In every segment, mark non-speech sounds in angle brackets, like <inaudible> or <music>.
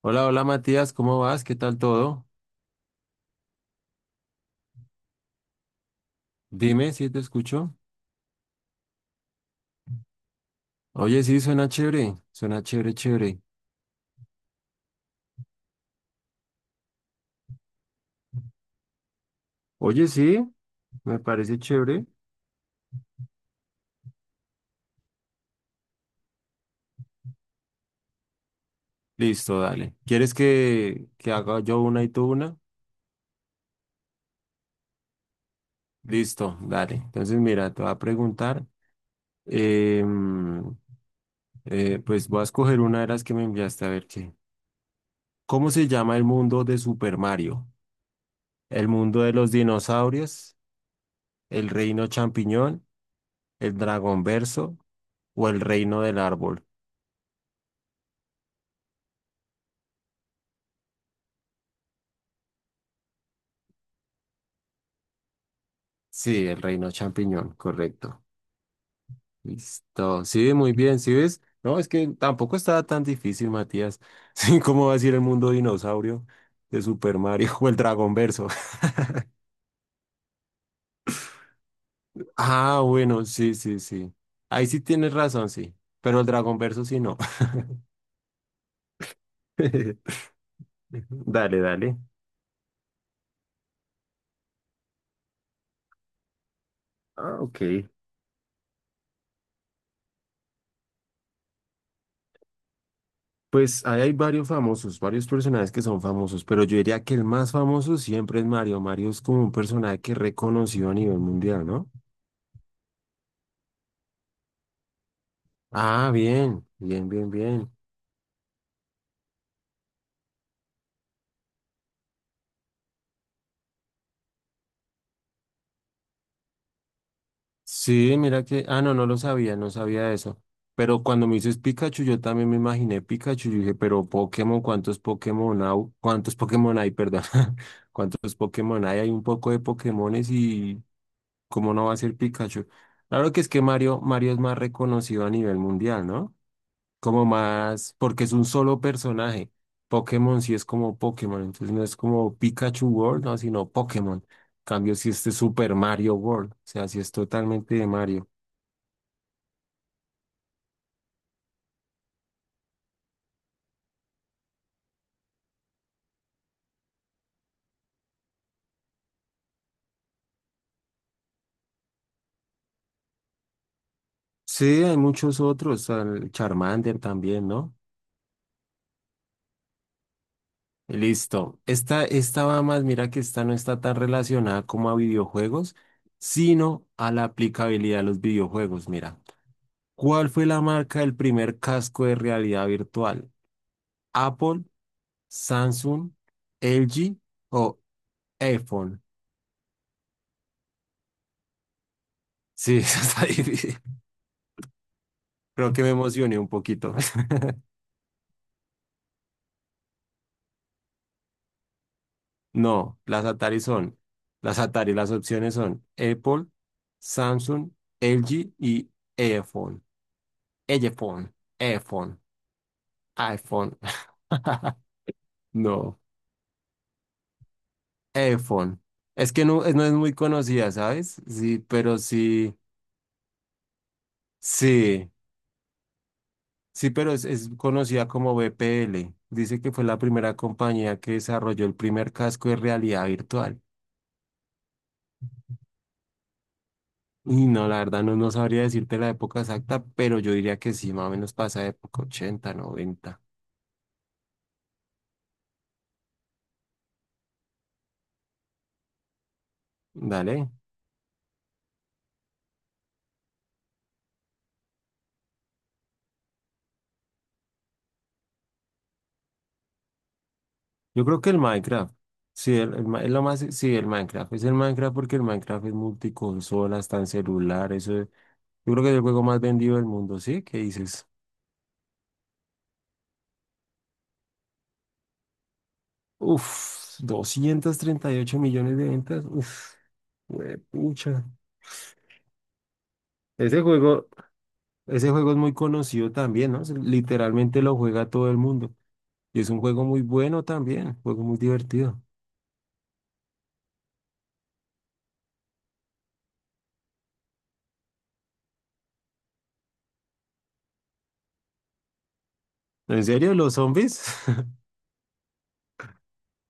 Hola, hola Matías, ¿cómo vas? ¿Qué tal todo? Dime si te escucho. Oye, sí, suena chévere, chévere. Oye, sí, me parece chévere. Listo, dale. ¿Quieres que haga yo una y tú una? Listo, dale. Entonces, mira, te voy a preguntar. em, pues voy a escoger una de las que me enviaste a ver qué. ¿Cómo se llama el mundo de Super Mario? ¿El mundo de los dinosaurios? ¿El reino champiñón? ¿El dragón verso? ¿O el reino del árbol? Sí, el reino champiñón, correcto. Listo. Sí, muy bien, ¿sí ves? No, es que tampoco estaba tan difícil, Matías. <laughs> Sí, ¿cómo va a ser el mundo dinosaurio de Super Mario <laughs> o el Dragón Verso? <laughs> Ah, bueno, sí, sí, sí. Ahí sí tienes razón, sí. Pero el Dragón Verso sí no. <laughs> Dale, dale. Ah, ok. Pues ahí hay varios famosos, varios personajes que son famosos, pero yo diría que el más famoso siempre es Mario. Mario es como un personaje que es reconocido a nivel mundial, ¿no? Ah, bien, bien, bien, bien. Sí, mira que, ah, no, no lo sabía, no sabía eso. Pero cuando me dices Pikachu, yo también me imaginé Pikachu. Yo dije, pero Pokémon, ¿cuántos Pokémon hay? ¿Cuántos Pokémon hay? Perdón. <laughs> ¿Cuántos Pokémon hay? Hay un poco de Pokémones y ¿cómo no va a ser Pikachu? Claro que es que Mario, Mario es más reconocido a nivel mundial, ¿no? Como más, porque es un solo personaje. Pokémon sí es como Pokémon, entonces no es como Pikachu World, no, sino Pokémon. En cambio, si este es Super Mario World, o sea, si es totalmente de Mario. Sí, hay muchos otros, el Charmander también, ¿no? Listo. Esta va más, mira que esta no está tan relacionada como a videojuegos, sino a la aplicabilidad de los videojuegos. Mira, ¿cuál fue la marca del primer casco de realidad virtual? ¿Apple? Samsung, LG o iPhone. Sí, <laughs> eso está difícil. Creo que me emocioné un poquito. <laughs> No, las Atari son, las Atari, las opciones son Apple, Samsung, LG y iPhone. iPhone, iPhone, iPhone. <laughs> No, iPhone. Es que no, no es muy conocida, ¿sabes? Sí, pero sí, sí. Sí, pero es conocida como BPL. Dice que fue la primera compañía que desarrolló el primer casco de realidad virtual. Y no, la verdad no, no sabría decirte la época exacta, pero yo diría que sí, más o menos pasa de época ochenta noventa. Dale. Yo creo que el Minecraft. Sí, el es lo más, sí, el Minecraft. Es el Minecraft porque el Minecraft es multiconsola, está en celular. Yo creo que es el juego más vendido del mundo, ¿sí? ¿Qué dices? Uf, 238 millones de ventas. Uf, pucha. Ese juego, ese juego es muy conocido también, ¿no? Literalmente lo juega todo el mundo. Y es un juego muy bueno también, un juego muy divertido. ¿En serio, los zombies? <laughs>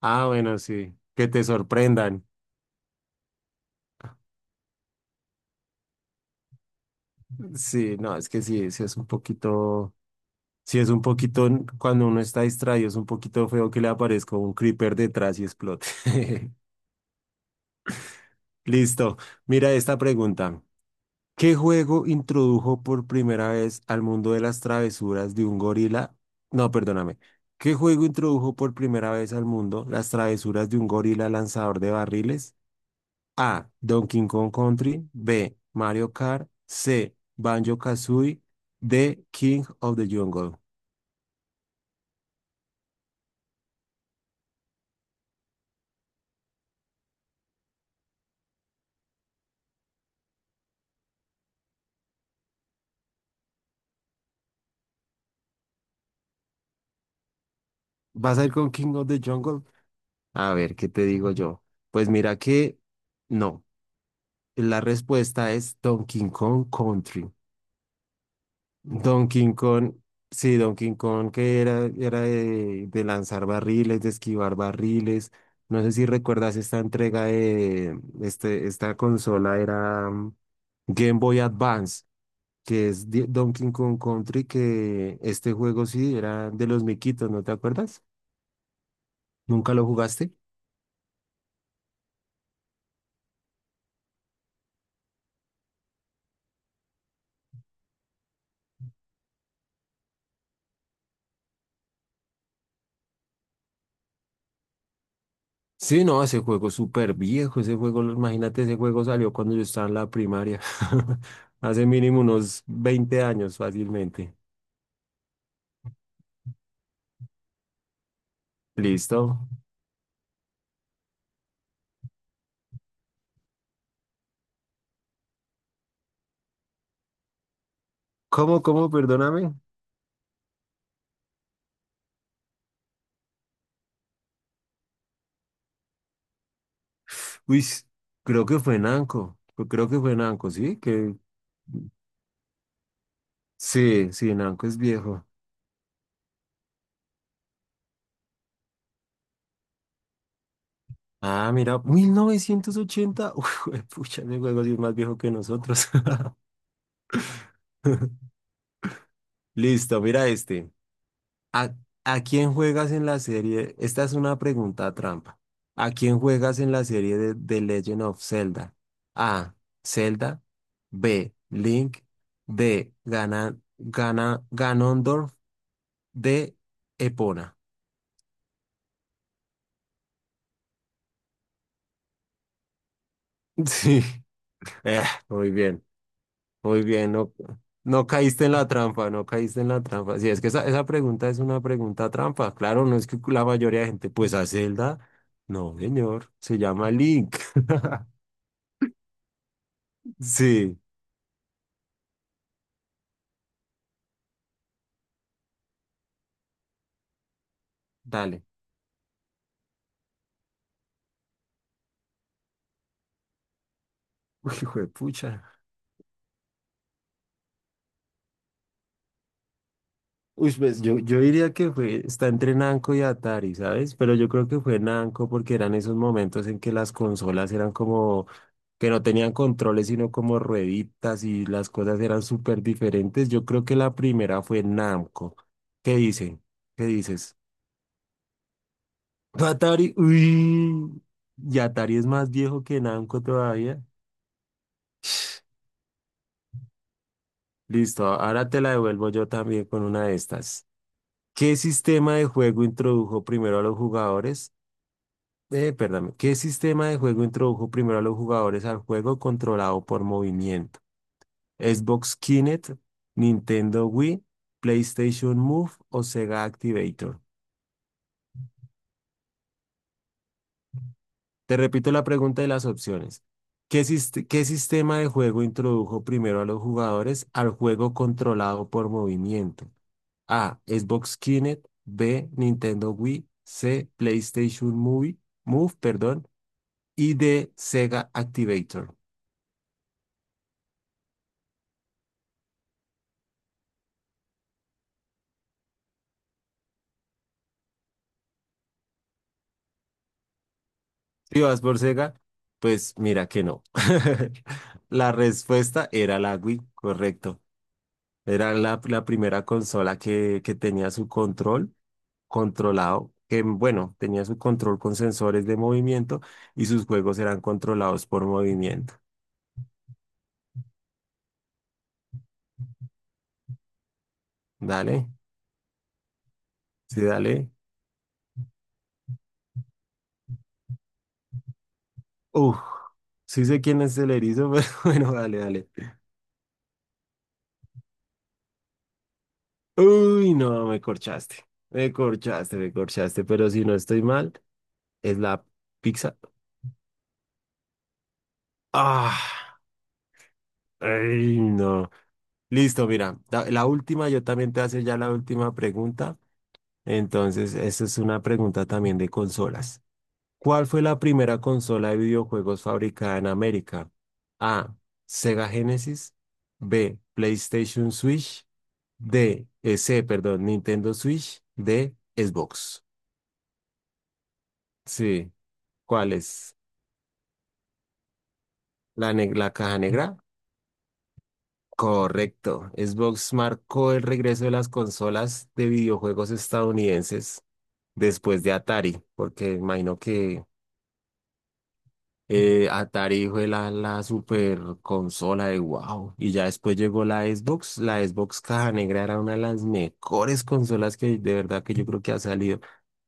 Ah, bueno, sí, que te sorprendan. Sí, no, es que sí, sí es un poquito, cuando uno está distraído, es un poquito feo que le aparezca un creeper detrás y explote. <laughs> Listo, mira esta pregunta. ¿Qué juego introdujo por primera vez al mundo de las travesuras de un gorila? No, perdóname. ¿Qué juego introdujo por primera vez al mundo las travesuras de un gorila lanzador de barriles? A. Donkey Kong Country. B. Mario Kart. C. Banjo-Kazooie. D. King of the Jungle. ¿Vas a ir con King of the Jungle? A ver, ¿qué te digo yo? Pues mira que no. La respuesta es Donkey Kong Country. Donkey Kong, sí, Donkey Kong que era de, lanzar barriles, de esquivar barriles. No sé si recuerdas esta entrega de esta consola era Game Boy Advance, que es Donkey Kong Country, que este juego sí era de los miquitos, ¿no te acuerdas? ¿Nunca lo jugaste? Sí, no, ese juego es súper viejo, ese juego, imagínate, ese juego salió cuando yo estaba en la primaria, <laughs> hace mínimo unos 20 años fácilmente. Listo. ¿Cómo, perdóname? Uy, creo que fue Nanco. Pues creo que fue Nanco, ¿sí? Que sí, sí, Nanco es viejo. Ah, mira, 1980. <laughs> Uy, pucha, ese juego sí es más viejo que nosotros. <laughs> Listo, mira este. ¿A, a quién juegas en la serie? Esta es una pregunta trampa. ¿A quién juegas en la serie de The Legend of Zelda? A. Zelda. B. Link. D. Ganon, Ganondorf. De Epona. <laughs> Sí. Eh, muy bien, muy bien. No, no caíste en la trampa, no caíste en la trampa. Sí, es que esa pregunta es una pregunta trampa. Claro, no es que la mayoría de gente, pues a Zelda. No, señor, se llama Link. <laughs> Sí, dale. Uy, hijo de pucha. Uy, pues yo diría que fue, está entre Namco y Atari, ¿sabes? Pero yo creo que fue Namco porque eran esos momentos en que las consolas eran como que no tenían controles, sino como rueditas y las cosas eran súper diferentes. Yo creo que la primera fue Namco. ¿Qué dicen? ¿Qué dices? Atari, uy, y Atari es más viejo que Namco todavía. Listo, ahora te la devuelvo yo también con una de estas. ¿Qué sistema de juego introdujo primero a los jugadores? Perdón, ¿qué sistema de juego introdujo primero a los jugadores al juego controlado por movimiento? ¿Xbox Kinect, Nintendo Wii, PlayStation Move o Sega Activator? Te repito la pregunta y las opciones. ¿Qué sistema de juego introdujo primero a los jugadores al juego controlado por movimiento? A. Xbox Kinect, B. Nintendo Wii, C. PlayStation Movie, Move, perdón, y D. Sega Activator. Si vas por Sega, pues mira que no. <laughs> La respuesta era la Wii, correcto. Era la primera consola que tenía su control que bueno, tenía su control con sensores de movimiento y sus juegos eran controlados por movimiento. Dale, sí, dale. Uf, sí sé quién es el erizo, <laughs> pero bueno, dale, dale. Uy, no, me corchaste. Me corchaste, me corchaste, pero si no estoy mal, es la pizza. Ah. Ay, no. Listo, mira, la última, yo también te hace ya la última pregunta. Entonces, esta es una pregunta también de consolas. ¿Cuál fue la primera consola de videojuegos fabricada en América? A. Sega Genesis. B. PlayStation Switch. D. C, perdón, Nintendo Switch. D. Xbox. Sí. ¿Cuál es? ¿La caja negra? Correcto. Xbox marcó el regreso de las consolas de videojuegos estadounidenses después de Atari, porque imagino que Atari fue la super consola de wow. Y ya después llegó la Xbox. La Xbox Caja Negra era una de las mejores consolas que de verdad que yo creo que ha salido.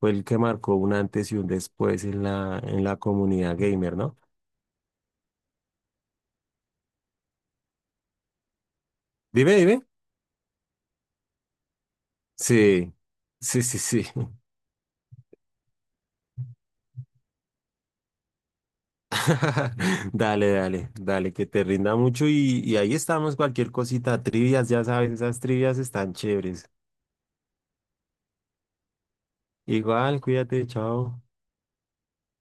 Fue el que marcó un antes y un después en la comunidad gamer, ¿no? Dime, dime. Sí, sí, sí, sí. <laughs> Dale, dale, dale, que te rinda mucho y ahí estamos, cualquier cosita, trivias, ya sabes, esas trivias están chéveres. Igual, cuídate, chao.